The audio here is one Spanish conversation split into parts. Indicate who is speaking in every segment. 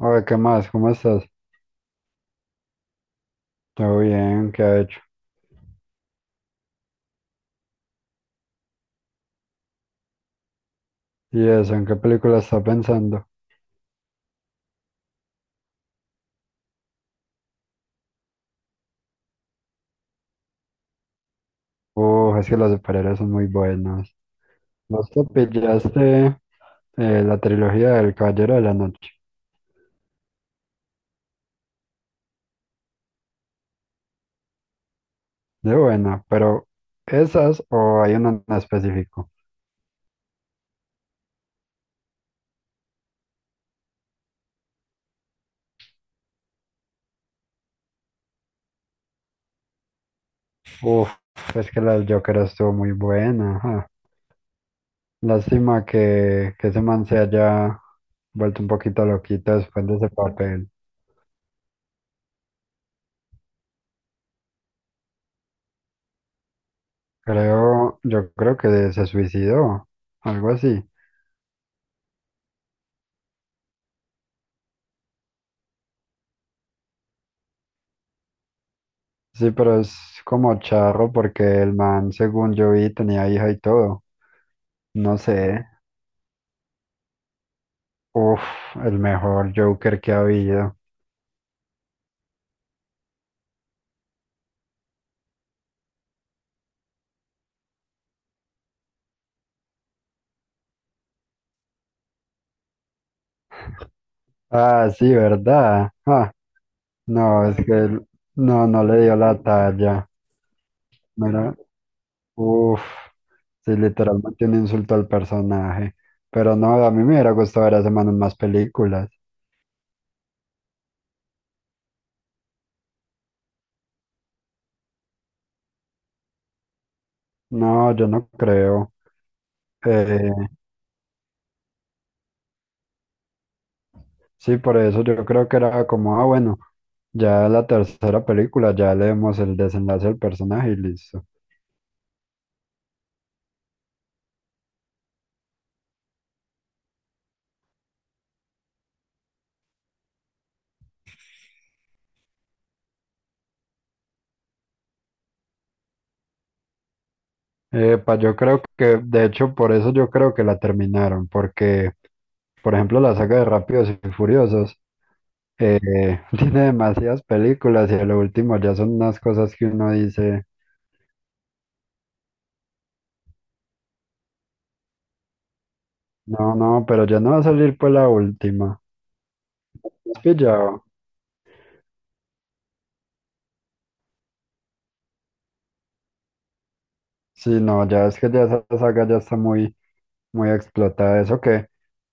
Speaker 1: Oye, ¿qué más? ¿Cómo estás? Todo bien, ¿qué ha hecho? ¿Y eso? ¿En qué película está pensando? Es que los superhéroes son muy buenos. Vos te pillaste la trilogía del Caballero de la Noche. De buena, pero ¿esas o hay una en específico? Uf, es que la del Joker estuvo muy buena. Ajá. Lástima que ese man se haya vuelto un poquito loquito después de ese papel. Yo creo que se suicidó, algo así. Sí, pero es como charro porque el man, según yo vi, tenía hija y todo. No sé. Uf, el mejor Joker que ha habido. Ah, sí, ¿verdad? Ah, no, es claro que no, no le dio la talla. Mira, uf, sí, literalmente un insulto al personaje. Pero no, a mí me hubiera gustado ver a ese man en más películas. No, yo no creo. Eh, sí, por eso yo creo que era como, ah, bueno. Ya la tercera película, ya leemos el desenlace del personaje y listo. Epa, yo creo que, de hecho, por eso yo creo que la terminaron, porque, por ejemplo, la saga de Rápidos y Furiosos eh, tiene demasiadas películas y lo último ya son unas cosas que uno dice, no, no, pero ya no va a salir pues la última. ¿Has pillado? Sí, no, ya es que ya esa saga ya está muy, muy explotada. Eso que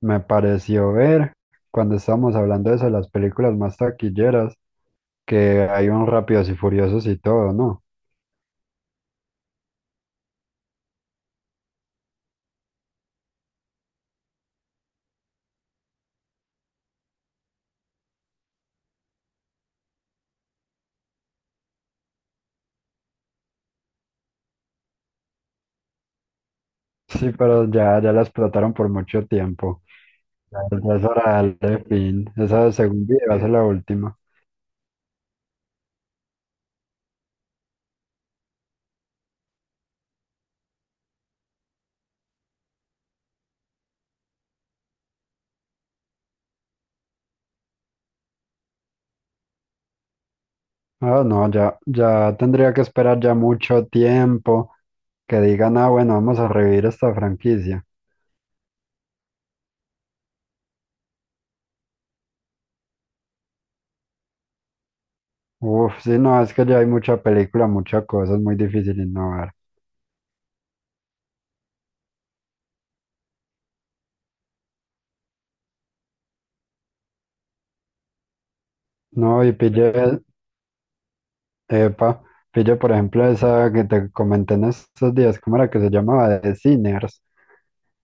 Speaker 1: me pareció ver cuando estábamos hablando de eso, de las películas más taquilleras, que hay un Rápidos y Furiosos y todo, ¿no? Sí, pero ya, ya la explotaron por mucho tiempo. Ya, ya es hora de darle fin. Esa, según vi, va a ser la última. Ah, no, ya, ya tendría que esperar ya mucho tiempo que digan, ah, bueno, vamos a revivir esta franquicia. Uf, sí, no, es que ya hay mucha película, mucha cosa, es muy difícil innovar. No, y pille, epa, pille, por ejemplo, esa que te comenté en estos días, ¿cómo era que se llamaba? De Sinners.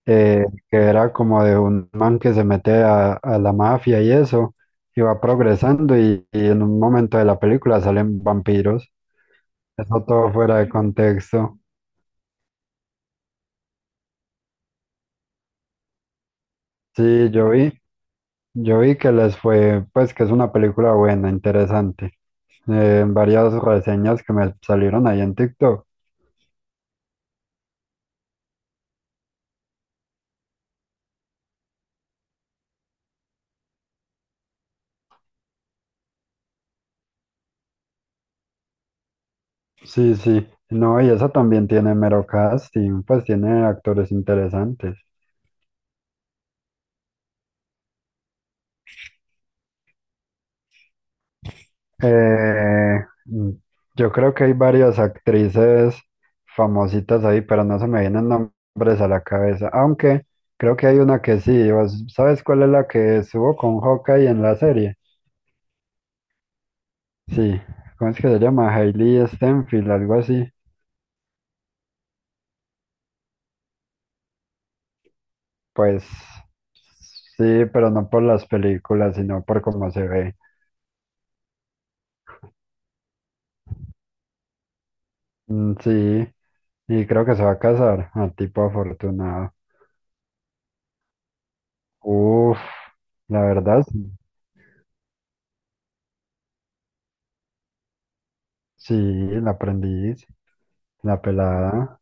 Speaker 1: eh, que era como de un man que se mete a la mafia y eso, y va progresando y en un momento de la película salen vampiros. Eso todo fuera de contexto. Sí, yo vi que les fue, pues que es una película buena, interesante. Varias reseñas que me salieron ahí en TikTok. Sí, sí. No, y esa también tiene mero casting, pues tiene actores interesantes. Eh, mm, yo creo que hay varias actrices famositas ahí, pero no se me vienen nombres a la cabeza. Aunque creo que hay una que sí. ¿Vos ¿Sabes cuál es la que estuvo con Hawkeye en la serie? Sí. ¿Cómo es que se llama? Hailey Steinfeld, algo así. Pues sí, pero no por las películas, sino por cómo se ve. Mm, sí. Y creo que se va a casar. A tipo afortunado. Uf, la verdad, sí, sí, la aprendí. La pelada.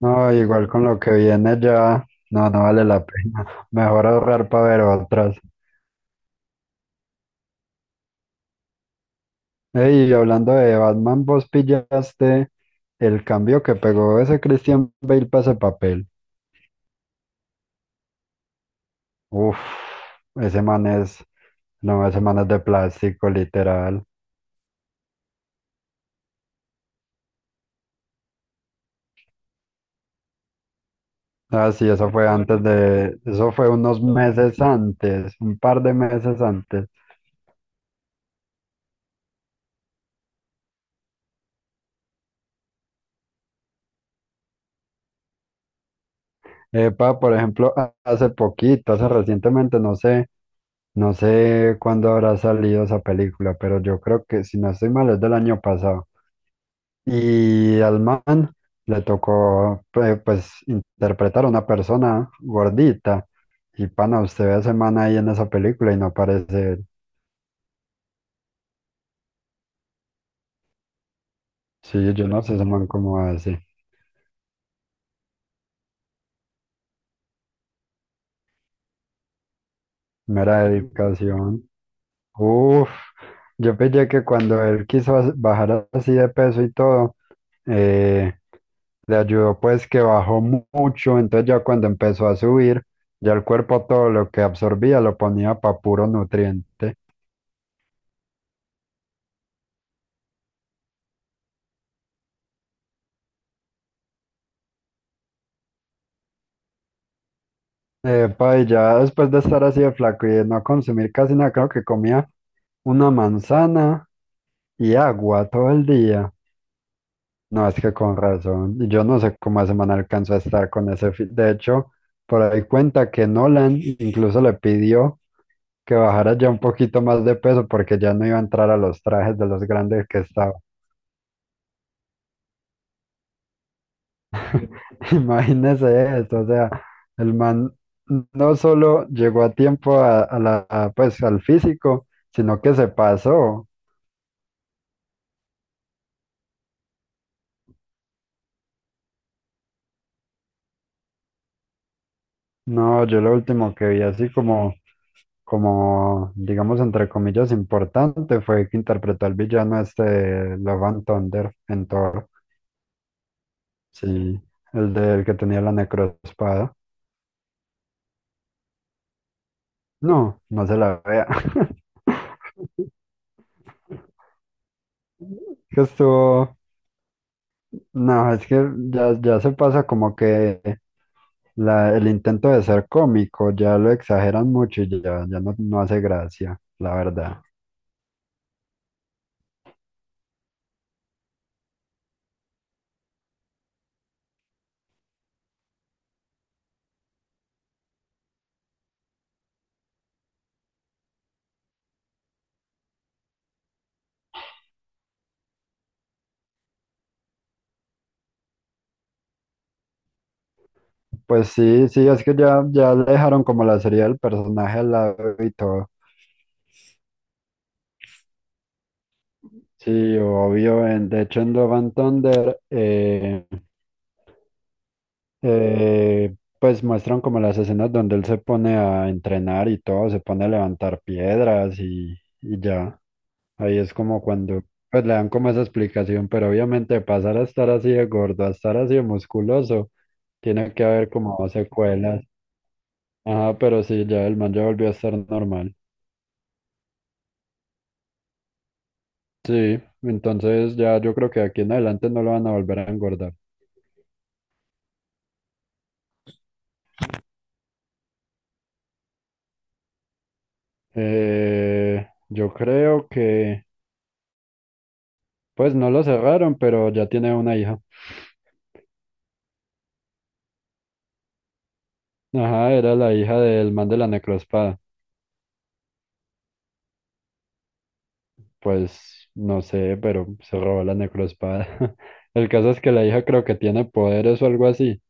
Speaker 1: No, igual con lo que viene ya, no, no vale la pena. Mejor ahorrar para ver otras. Ey, y hablando de Batman, vos pillaste el cambio que pegó ese Christian Bale para ese papel. Uf, ese man es, no, ese man es de plástico, literal. Ah, sí, eso fue antes de, eso fue unos meses antes, un par de meses antes. Epa, por ejemplo, hace poquito, hace recientemente, no sé. No sé cuándo habrá salido esa película, pero yo creo que, si no estoy mal, es del año pasado. Y al man le tocó, pues, interpretar a una persona gordita. Y pana, usted ve a ese man ahí en esa película y no parece él. Sí, yo no sé ese man cómo hace. Mera dedicación. Uf, yo pensé que cuando él quiso bajar así de peso y todo, eh, le ayudó pues que bajó mucho, entonces ya cuando empezó a subir, ya el cuerpo todo lo que absorbía lo ponía para puro nutriente. Epa, y ya después de estar así de flaco y de no consumir casi nada, creo que comía una manzana y agua todo el día. No, es que con razón. Y yo no sé cómo esa man alcanzó a estar con ese fit. De hecho, por ahí cuenta que Nolan incluso le pidió que bajara ya un poquito más de peso porque ya no iba a entrar a los trajes de los grandes que estaba. Imagínese esto, o sea, el man no solo llegó a tiempo a la, a, pues, al físico, sino que se pasó. No, yo lo último que vi así como, como, digamos, entre comillas, importante fue que interpretó al villano este Love and Thunder en Thor, sí, el del que tenía la necroespada. No, no se la vea. Que estuvo, no, es que ya, ya se pasa como que la, el intento de ser cómico ya lo exageran mucho y ya, ya no, no hace gracia, la verdad. Pues sí, sí, es que ya, ya le dejaron como la serie del personaje al lado y todo. Sí, obvio. De hecho, en Love and Thunder, pues muestran como las escenas donde él se pone a entrenar y todo, se pone a levantar piedras y ya. Ahí es como cuando pues, le dan como esa explicación, pero obviamente pasar a estar así de gordo, a estar así de musculoso, tiene que haber como secuelas. Ajá, pero sí, ya el man ya volvió a estar normal. Sí, entonces ya yo creo que de aquí en adelante no lo van a volver a engordar. Yo creo que, pues no lo cerraron, pero ya tiene una hija. Ajá, era la hija del man de la necroespada. Pues no sé, pero se robó la necroespada. El caso es que la hija creo que tiene poderes o algo así.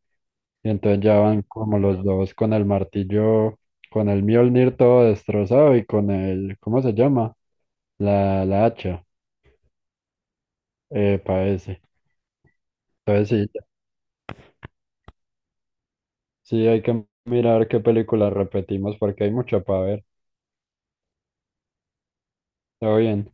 Speaker 1: Y entonces ya van como los dos con el martillo, con el Mjolnir todo destrozado y con el, ¿cómo se llama? La hacha. Eh, Ese. Entonces sí, sí hay que mirar qué película repetimos porque hay mucho para ver. Todo bien.